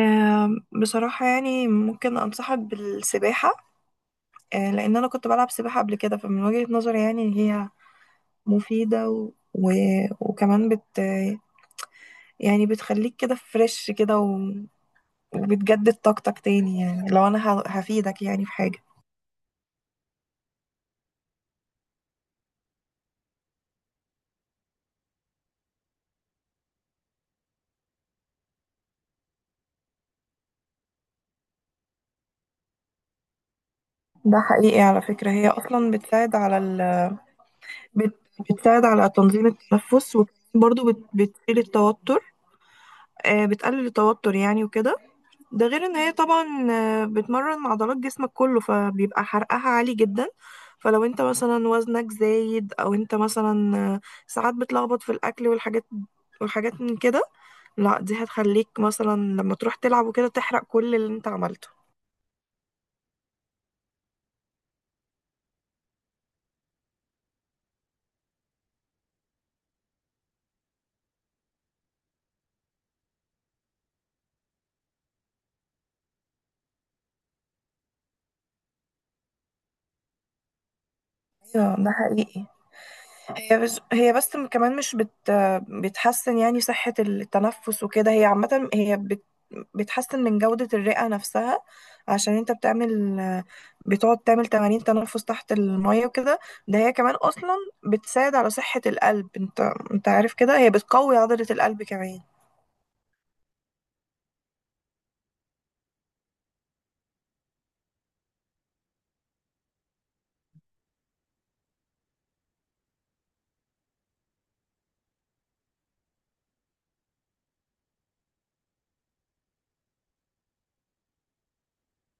آه، بصراحة يعني ممكن أنصحك بالسباحة. لأن أنا كنت بلعب سباحة قبل كده، فمن وجهة نظري يعني إن هي مفيدة وكمان بت يعني بتخليك كده فريش كده، وبتجدد طاقتك تاني. يعني لو أنا هفيدك يعني في حاجة. ده حقيقي على فكرة، هي أصلا بتساعد على بت... بتساعد على تنظيم التنفس، وبرضه بتشيل التوتر. بتقلل التوتر يعني وكده. ده غير ان هي طبعا بتمرن عضلات جسمك كله، فبيبقى حرقها عالي جدا. فلو انت مثلا وزنك زايد، او انت مثلا ساعات بتلخبط في الاكل والحاجات من كده، لا دي هتخليك مثلا لما تروح تلعب وكده تحرق كل اللي انت عملته. ايوه ده حقيقي. هي بس كمان مش بتحسن يعني صحة التنفس وكده. هي عامة هي بتحسن من جودة الرئة نفسها. عشان انت بتقعد تعمل تمارين تنفس تحت المية وكده. ده هي كمان اصلا بتساعد على صحة القلب. انت عارف كده هي بتقوي عضلة القلب كمان.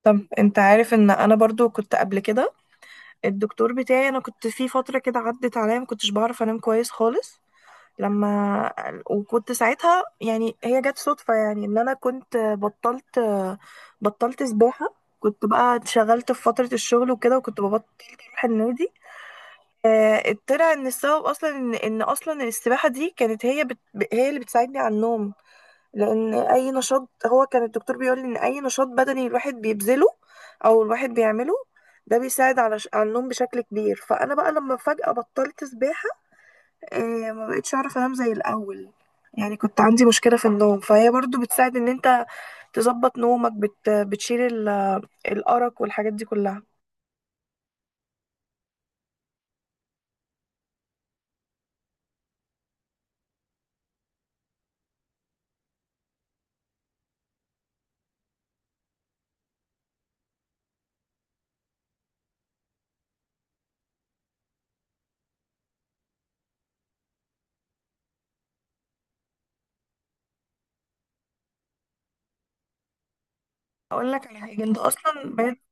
طب انت عارف ان انا برضو كنت قبل كده، الدكتور بتاعي، انا كنت في فترة كده عدت عليا ما كنتش بعرف انام كويس خالص. لما وكنت ساعتها يعني، هي جت صدفة يعني ان انا كنت بطلت بطلت سباحة. كنت بقى اتشغلت في فترة الشغل وكده، وكنت ببطل اروح النادي. طلع ان السبب اصلا ان اصلا السباحة دي كانت هي اللي بتساعدني على النوم. لان اي نشاط، هو كان الدكتور بيقول لي ان اي نشاط بدني الواحد بيبذله او الواحد بيعمله ده بيساعد على النوم بشكل كبير. فانا بقى لما فجأة بطلت سباحة، ما بقتش اعرف انام زي الاول. يعني كنت عندي مشكلة في النوم، فهي برضو بتساعد ان انت تظبط نومك. بتشيل الأرق والحاجات دي كلها. اقول لك على حاجة، انت اصلا بقيت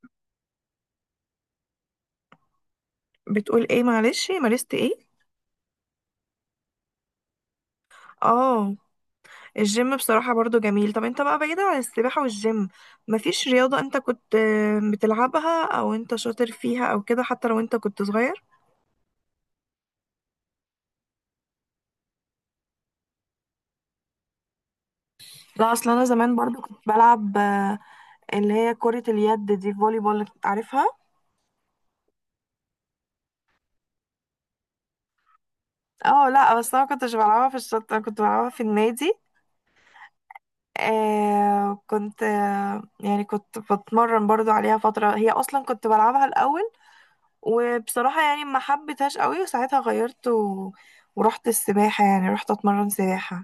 بتقول ايه؟ معلش، مارست ايه؟ اه. الجيم بصراحة برضو جميل. طب انت بقى بعيدة عن السباحة والجيم، مفيش رياضة انت كنت بتلعبها او انت شاطر فيها او كده، حتى لو انت كنت صغير؟ لا اصل انا زمان برضو كنت بلعب اللي هي كرة اليد، دي فولي بول، عارفها؟ اه لا بس انا ما كنتش بلعبها في الشط، انا كنت بلعبها في النادي. كنت يعني كنت بتمرن برضو عليها فترة. هي اصلا كنت بلعبها الاول، وبصراحة يعني ما حبيتهاش قوي، وساعتها غيرت ورحت السباحة، يعني رحت اتمرن سباحة.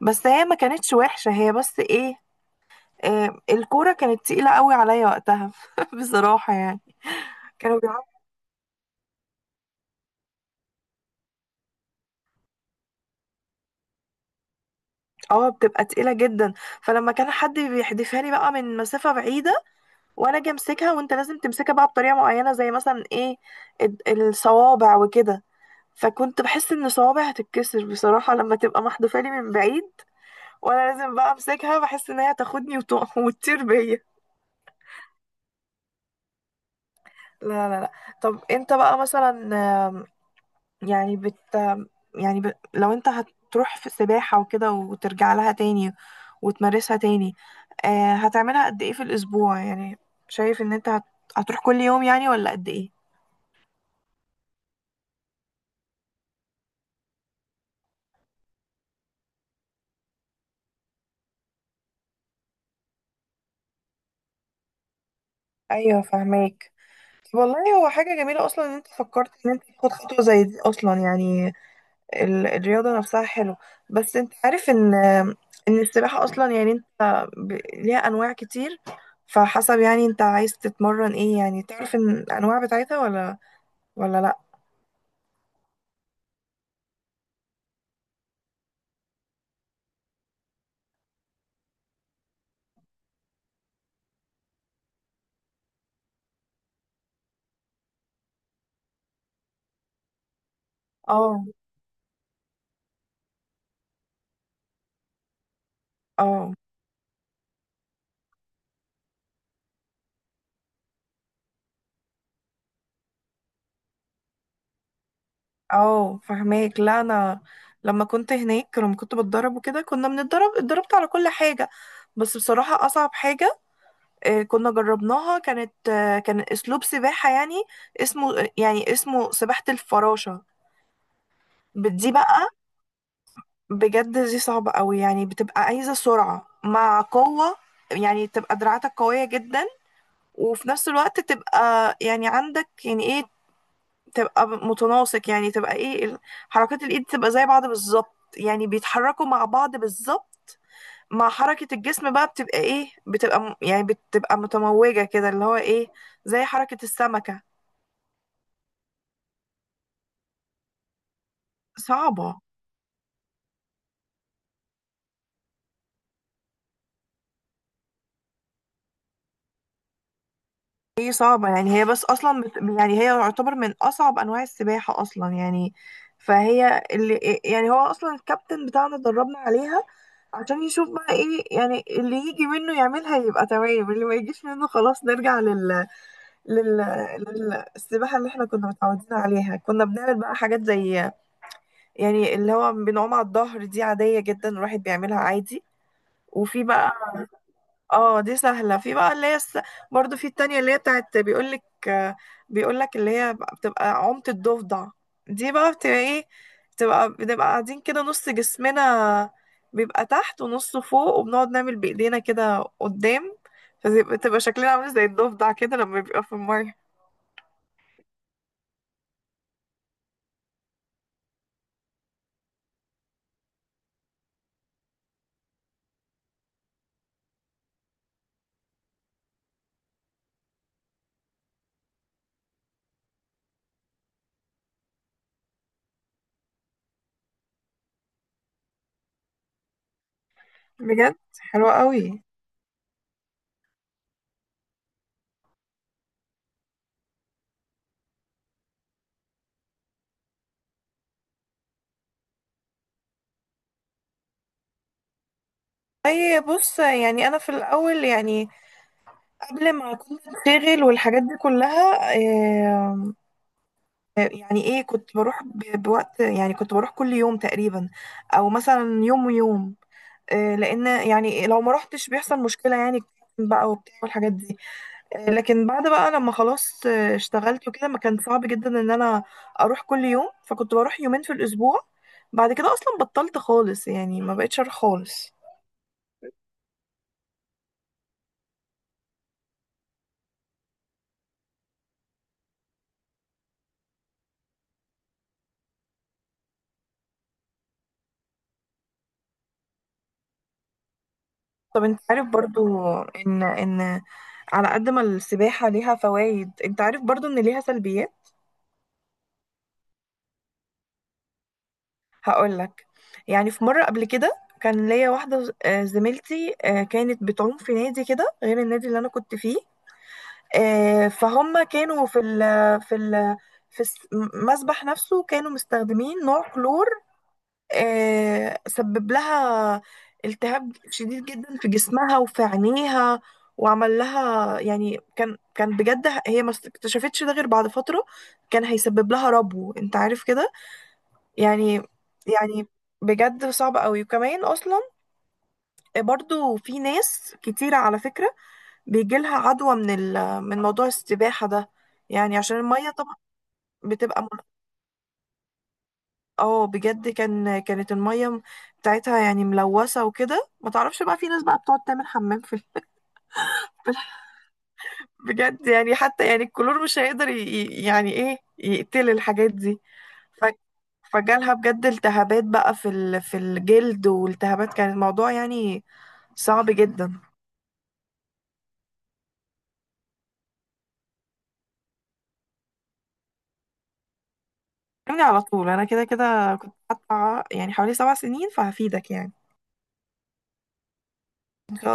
بس هي ما كانتش وحشة، هي بس ايه، الكورة كانت تقيلة قوي عليا وقتها بصراحة يعني. كانوا بيلعبوا، اه، بتبقى تقيلة جدا. فلما كان حد بيحدفها لي بقى من مسافة بعيدة وانا اجي امسكها، وانت لازم تمسكها بقى بطريقه معينه زي مثلا ايه، الصوابع وكده. فكنت بحس ان صوابعي هتتكسر بصراحه لما تبقى محدوفه لي من بعيد وانا لازم بقى امسكها. بحس ان هي تاخدني وتطير بيا. لا لا لا. طب انت بقى مثلا، آم، يعني بت آم، يعني لو انت هتروح في سباحه وكده وترجع لها تاني وتمارسها تاني، هتعملها قد ايه في الاسبوع يعني؟ شايف ان انت هتروح كل يوم يعني ولا قد ايه؟ ايوه فاهمك. والله هو حاجة جميلة أصلا إن أنت فكرت إن أنت تاخد خطوة زي دي أصلا. يعني الرياضة نفسها حلو، بس أنت عارف إن السباحة أصلا، يعني أنت ليها أنواع كتير، فحسب يعني أنت عايز تتمرن إيه يعني. تعرف إن الأنواع بتاعتها ولا لأ؟ اه اه اه فهماك. لا أنا لما كنت هناك لما كنت بتدرب وكده كنا بنتدرب، اتدربت على كل حاجة، بس بصراحة أصعب حاجة كنا جربناها كانت كان اسلوب سباحة، يعني اسمه سباحة الفراشة. دي بقى بجد دي صعبة قوي، يعني بتبقى عايزة سرعة مع قوة. يعني تبقى دراعاتك قوية جدا، وفي نفس الوقت تبقى يعني عندك يعني ايه، تبقى متناسق. يعني تبقى ايه، حركات الايد تبقى زي بعض بالظبط يعني، بيتحركوا مع بعض بالظبط مع حركة الجسم بقى. بتبقى ايه، بتبقى يعني بتبقى متموجة كده، اللي هو ايه، زي حركة السمكة. صعبة. هي صعبة يعني. هي بس أصلا يعني هي تعتبر من أصعب أنواع السباحة أصلا يعني. فهي اللي يعني هو أصلا الكابتن بتاعنا دربنا عليها عشان يشوف بقى إيه يعني اللي يجي منه يعملها يبقى تمام، اللي ما يجيش منه خلاص نرجع لل... للسباحة اللي احنا كنا متعودين عليها. كنا بنعمل بقى حاجات زي يعني اللي هو بنعوم على الظهر، دي عادية جدا الواحد بيعملها عادي. وفي بقى، اه، دي سهلة. في بقى اللي برضو في التانية اللي هي بتاعت، بيقولك بيقولك اللي هي بتبقى عمت الضفدع. دي بقى بتبقى ايه، بتبقى قاعدين كده، نص جسمنا بيبقى تحت ونصه فوق، وبنقعد نعمل بإيدينا كده قدام. فبتبقى شكلنا عامل زي الضفدع كده لما بيبقى في المية. بجد حلوة قوي. اي بص، يعني انا في الاول يعني قبل ما كنت اتشغل والحاجات دي كلها، يعني ايه، كنت بروح بوقت. يعني كنت بروح كل يوم تقريبا، او مثلا يوم ويوم. لان يعني لو ما روحتش بيحصل مشكله يعني بقى وبتاع والحاجات دي. لكن بعد بقى لما خلاص اشتغلت وكده، ما كان صعب جدا ان انا اروح كل يوم، فكنت بروح يومين في الاسبوع. بعد كده اصلا بطلت خالص يعني، ما بقتش اروح خالص. طب انت عارف برضو ان على قد ما السباحه ليها فوائد، انت عارف برضو ان ليها سلبيات. هقول لك. يعني في مرة قبل كده كان ليا واحدة، زميلتي، كانت بتعوم في نادي كده غير النادي اللي أنا كنت فيه. فهم كانوا في ال في المسبح نفسه كانوا مستخدمين نوع كلور سبب لها التهاب شديد جدا في جسمها وفي عينيها. وعمل لها يعني، كان بجد، هي ما اكتشفتش ده غير بعد فترة. كان هيسبب لها ربو، انت عارف كده يعني، يعني بجد صعب قوي. وكمان اصلا برضو في ناس كتيرة على فكرة بيجيلها عدوى من موضوع السباحة ده، يعني عشان المية طبعا بتبقى مل... اه بجد كان، كانت المية بتاعتها يعني ملوثة وكده. ما تعرفش بقى، في ناس بقى بتقعد تعمل حمام بجد يعني، حتى يعني الكلور مش هيقدر يعني ايه يقتل الحاجات دي. ف... فجالها بجد التهابات بقى في الجلد والتهابات. كان الموضوع يعني صعب جدا. كلمني على طول، انا كده كده كنت حاطه يعني حوالي 7 سنين، فهفيدك يعني. ان شاء.